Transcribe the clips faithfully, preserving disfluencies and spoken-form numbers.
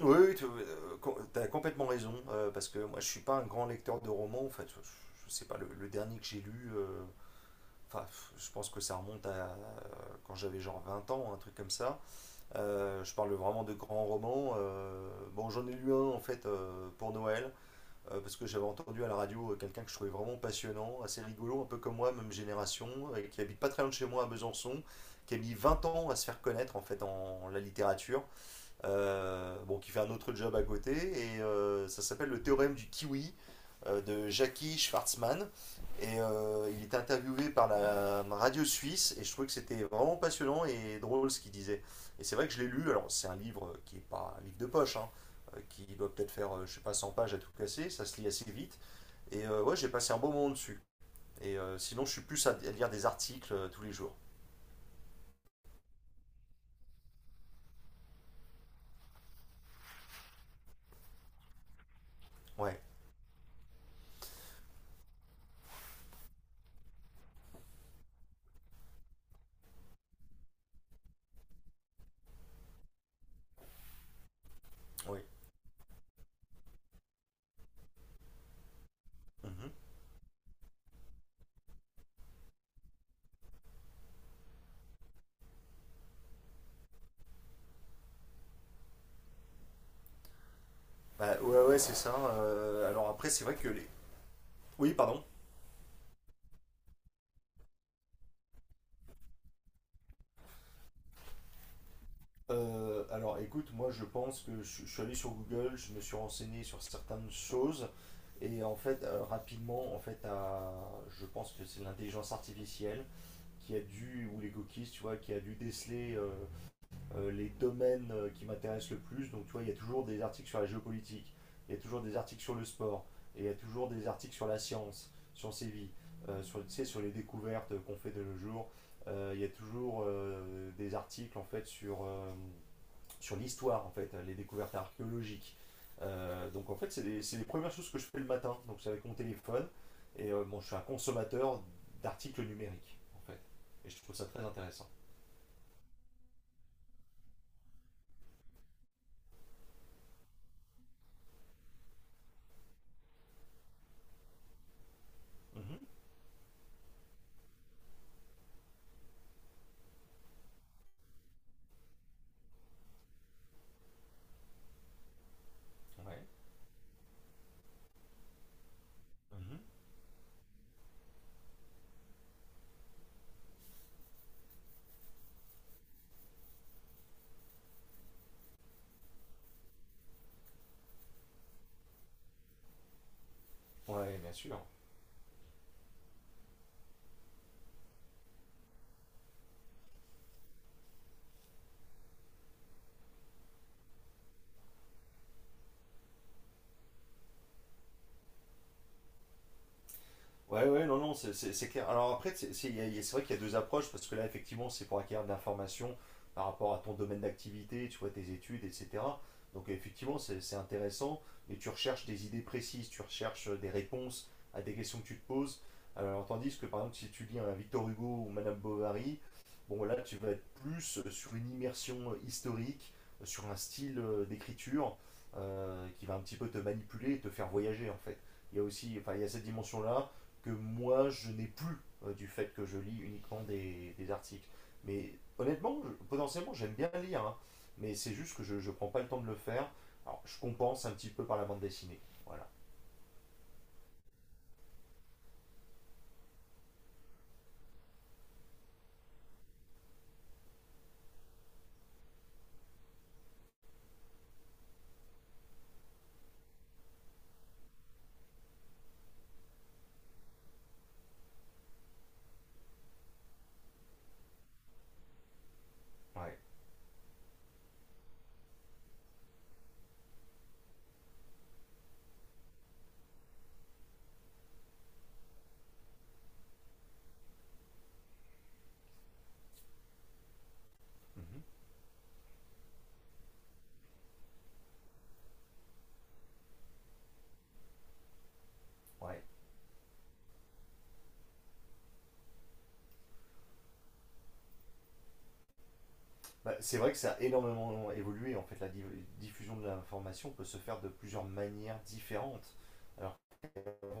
Oui, oui, tu as complètement raison, euh, parce que moi je suis pas un grand lecteur de romans, en fait, je, je sais pas, le, le dernier que j'ai lu, euh, enfin, je pense que ça remonte à euh, quand j'avais genre vingt ans, un truc comme ça. Euh, je parle vraiment de grands romans. Euh, bon, j'en ai lu un en fait euh, pour Noël, euh, parce que j'avais entendu à la radio euh, quelqu'un que je trouvais vraiment passionnant, assez rigolo, un peu comme moi, même génération, et qui habite pas très loin de chez moi à Besançon, qui a mis vingt ans à se faire connaître en fait en la littérature euh, bon, qui fait un autre job à côté, et euh, ça s'appelle le théorème du kiwi euh, de Jackie Schwartzmann. Et euh, il est interviewé par la radio suisse, et je trouvais que c'était vraiment passionnant et drôle ce qu'il disait. Et c'est vrai que je l'ai lu, alors c'est un livre qui est pas un livre de poche, hein, euh, qui doit peut-être faire, euh, je sais pas, cent pages à tout casser, ça se lit assez vite. Et euh, ouais, j'ai passé un bon moment dessus. Et euh, sinon, je suis plus à, à lire des articles euh, tous les jours. Ouais, oui. Mhm. Bah, ouais, ouais, c'est ça. Euh, alors après, c'est vrai que les, oui, pardon. Euh, alors écoute, moi je pense que je, je suis allé sur Google, je me suis renseigné sur certaines choses et en fait euh, rapidement en fait à, je pense que c'est l'intelligence artificielle qui a dû ou les cookies, tu vois, qui a dû déceler euh, euh, les domaines euh, qui m'intéressent le plus. Donc, tu vois, il y a toujours des articles sur la géopolitique, il y a toujours des articles sur le sport, et il y a toujours des articles sur la science, sur ses vies, euh, sur, tu sais, sur les découvertes qu'on fait de nos jours. Euh, il y a toujours euh, des articles en fait sur, euh, sur l'histoire, en fait, les découvertes archéologiques. Euh, donc, en fait, c'est des- c'est les premières choses que je fais le matin. Donc, c'est avec mon téléphone. Et euh, bon, je suis un consommateur d'articles numériques, en fait. Et je trouve ça très intéressant. Mhm. Ouais. Mhm. Ouais, bien sûr. Ouais, ouais, non, non, c'est- c'est c'est clair. Alors après, c'est c'est- il y a- il y a- c'est vrai qu'il y a deux approches, parce que là, effectivement, c'est pour acquérir de l'information par rapport à ton domaine d'activité, tu vois, tes études, et cetera. Donc effectivement, c'est c'est intéressant, mais tu recherches des idées précises, tu recherches euh, des réponses à des questions que tu te poses. Alors tandis que, par exemple, si tu lis un Victor Hugo ou Madame Bovary, bon, là, tu vas être plus euh, sur une immersion euh, historique, euh, sur un style euh, d'écriture euh, qui va un petit peu te manipuler et te faire voyager, en fait. Il y a aussi, enfin, il y a cette dimension-là que moi je n'ai plus euh, du fait que je lis uniquement des, des articles. Mais honnêtement, je- potentiellement j'aime bien lire, hein, mais c'est juste que je ne prends pas le temps de le faire. Alors je compense un petit peu par la bande dessinée. Voilà. Ouais. Mhm. Ouais. Bah, c'est vrai que ça a énormément évolué. En fait, la div- diffusion de l'information peut se faire de plusieurs manières différentes.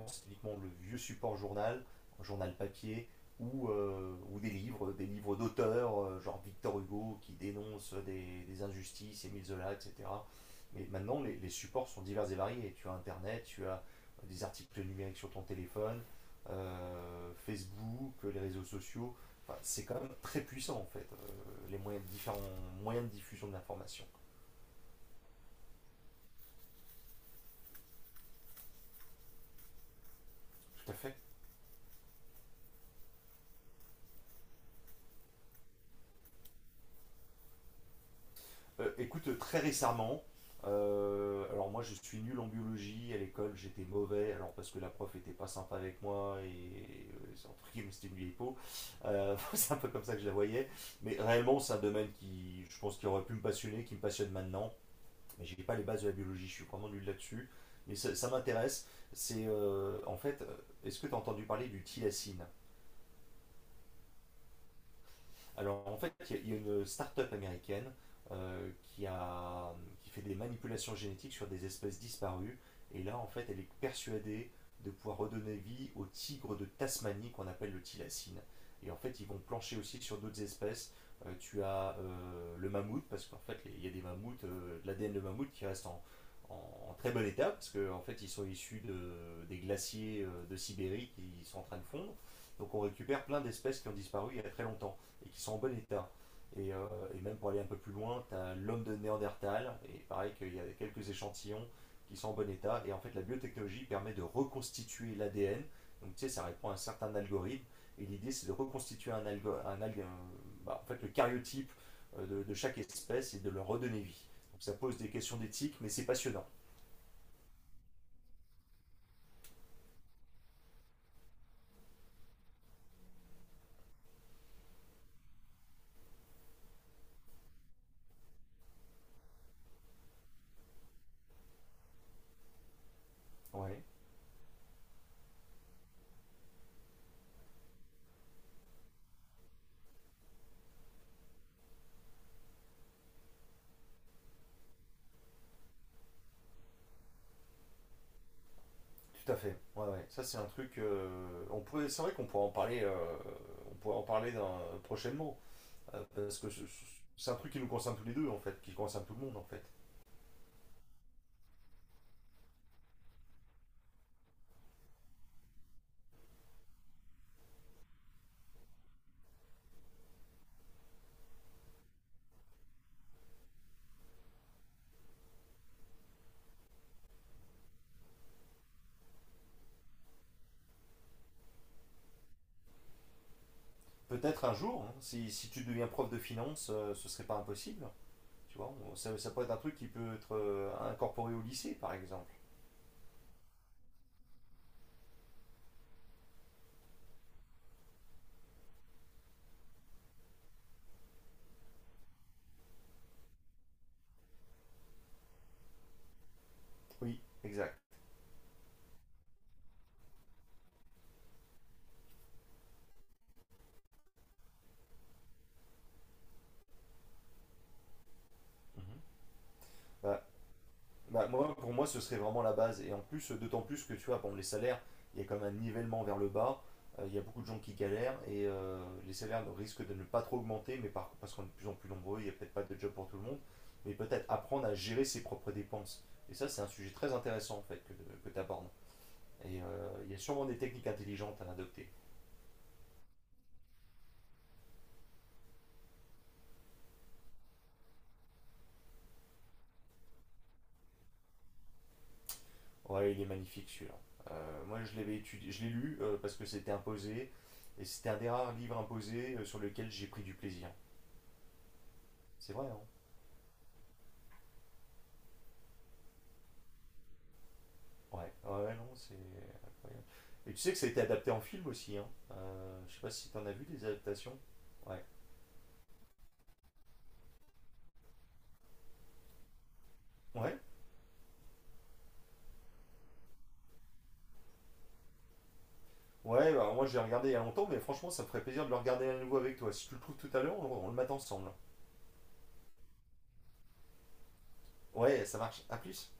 C'est uniquement le vieux support journal, journal papier, ou, euh, ou des livres, des livres d'auteurs, euh, genre Victor Hugo qui dénonce des, des injustices, Émile Zola, et cetera. Mais maintenant, les, les supports sont divers et variés. Tu as Internet, tu as des articles numériques sur ton téléphone, euh, Facebook, les réseaux sociaux. Enfin, c'est quand même très puissant en fait, euh, les moyens, différents moyens de diffusion de l'information. Tout à fait. Euh, écoute, très récemment, euh, alors moi je suis nul en biologie, à l'école j'étais mauvais, alors parce que la prof était pas sympa avec moi et euh, c'est entre guillemets, c'était une vieille peau. Euh, c'est un peu comme ça que je la voyais, mais réellement c'est un domaine qui je pense qui aurait pu me passionner, qui me passionne maintenant, mais j'ai pas les bases de la biologie, je suis vraiment nul là-dessus, mais ça, ça m'intéresse. C'est euh, en fait, euh, est-ce que tu as entendu parler du thylacine? Alors en fait, il y a- une start-up américaine euh, qui, a, qui fait des manipulations génétiques sur des espèces disparues. Et là, en fait, elle est persuadée de pouvoir redonner vie au tigre de Tasmanie qu'on appelle le thylacine. Et en fait, ils vont plancher aussi sur d'autres espèces. Euh, tu as euh, le mammouth, parce qu'en fait, il y a des mammouths, euh, de l'A D N de mammouth qui reste en, en- en très bon état, parce qu'en fait, ils sont issus de- des glaciers euh, de Sibérie qui sont en train de fondre. Donc on récupère plein d'espèces qui ont disparu il y a très longtemps et qui sont en bon état. Et, euh, et même pour aller un peu plus loin, tu as l'homme de Néandertal, et pareil qu'il y a quelques échantillons qui sont en bon état. Et en fait, la biotechnologie permet de reconstituer l'A D N. Donc, tu sais, ça répond à un certain algorithme. Et l'idée, c'est de reconstituer un, algo, un, alg- euh, bah, en fait, le cariotype euh, de, de chaque espèce et de leur redonner vie. Donc, ça pose des questions d'éthique, mais c'est passionnant. Ouais, tout à fait. Ouais, ouais, ça c'est un truc. Euh, on pourrait, c'est vrai qu'on pourrait en parler. Euh, on pourrait en parler dans- prochainement. Euh, parce que c'est un truc qui nous concerne tous les deux, en fait, qui concerne tout le monde, en fait. Peut-être un jour, hein, si, si tu deviens prof de finance, euh, ce serait pas impossible. Tu vois, ça, ça peut être un truc qui peut être euh, incorporé au lycée, par exemple. Oui, exact. Mhm. Euh, Bah, moi, pour moi, ce serait vraiment la base. Et en plus, d'autant plus que tu vois, bon, les salaires, il y a quand même un nivellement vers le bas. Euh, Il y a beaucoup de gens qui galèrent et euh, les salaires risquent de ne pas trop augmenter, mais par, parce qu'on est de plus en plus nombreux, il n'y a peut-être pas de job pour tout le monde. Mais peut-être apprendre à gérer ses propres dépenses. Et ça, c'est un sujet très intéressant en fait que, que tu abordes. Et euh, il y a sûrement des techniques intelligentes à adopter. Ouais, il est magnifique celui-là. Euh, moi, je l'avais étudié, je l'ai lu euh, parce que c'était imposé et c'était un des rares livres imposés euh, sur lequel j'ai pris du plaisir. C'est vrai, hein. Ouais, ouais, ouais, non, c'est incroyable. Et tu sais que ça a été adapté en film aussi, hein. Euh, je sais pas si t'en as vu des adaptations. Ouais. Ouais. Ouais, alors moi j'ai regardé il y a longtemps, mais franchement ça me ferait plaisir de le regarder à nouveau avec toi. Si tu le trouves tout à l'heure, on, on le mate ensemble. Ouais, ça marche. À plus.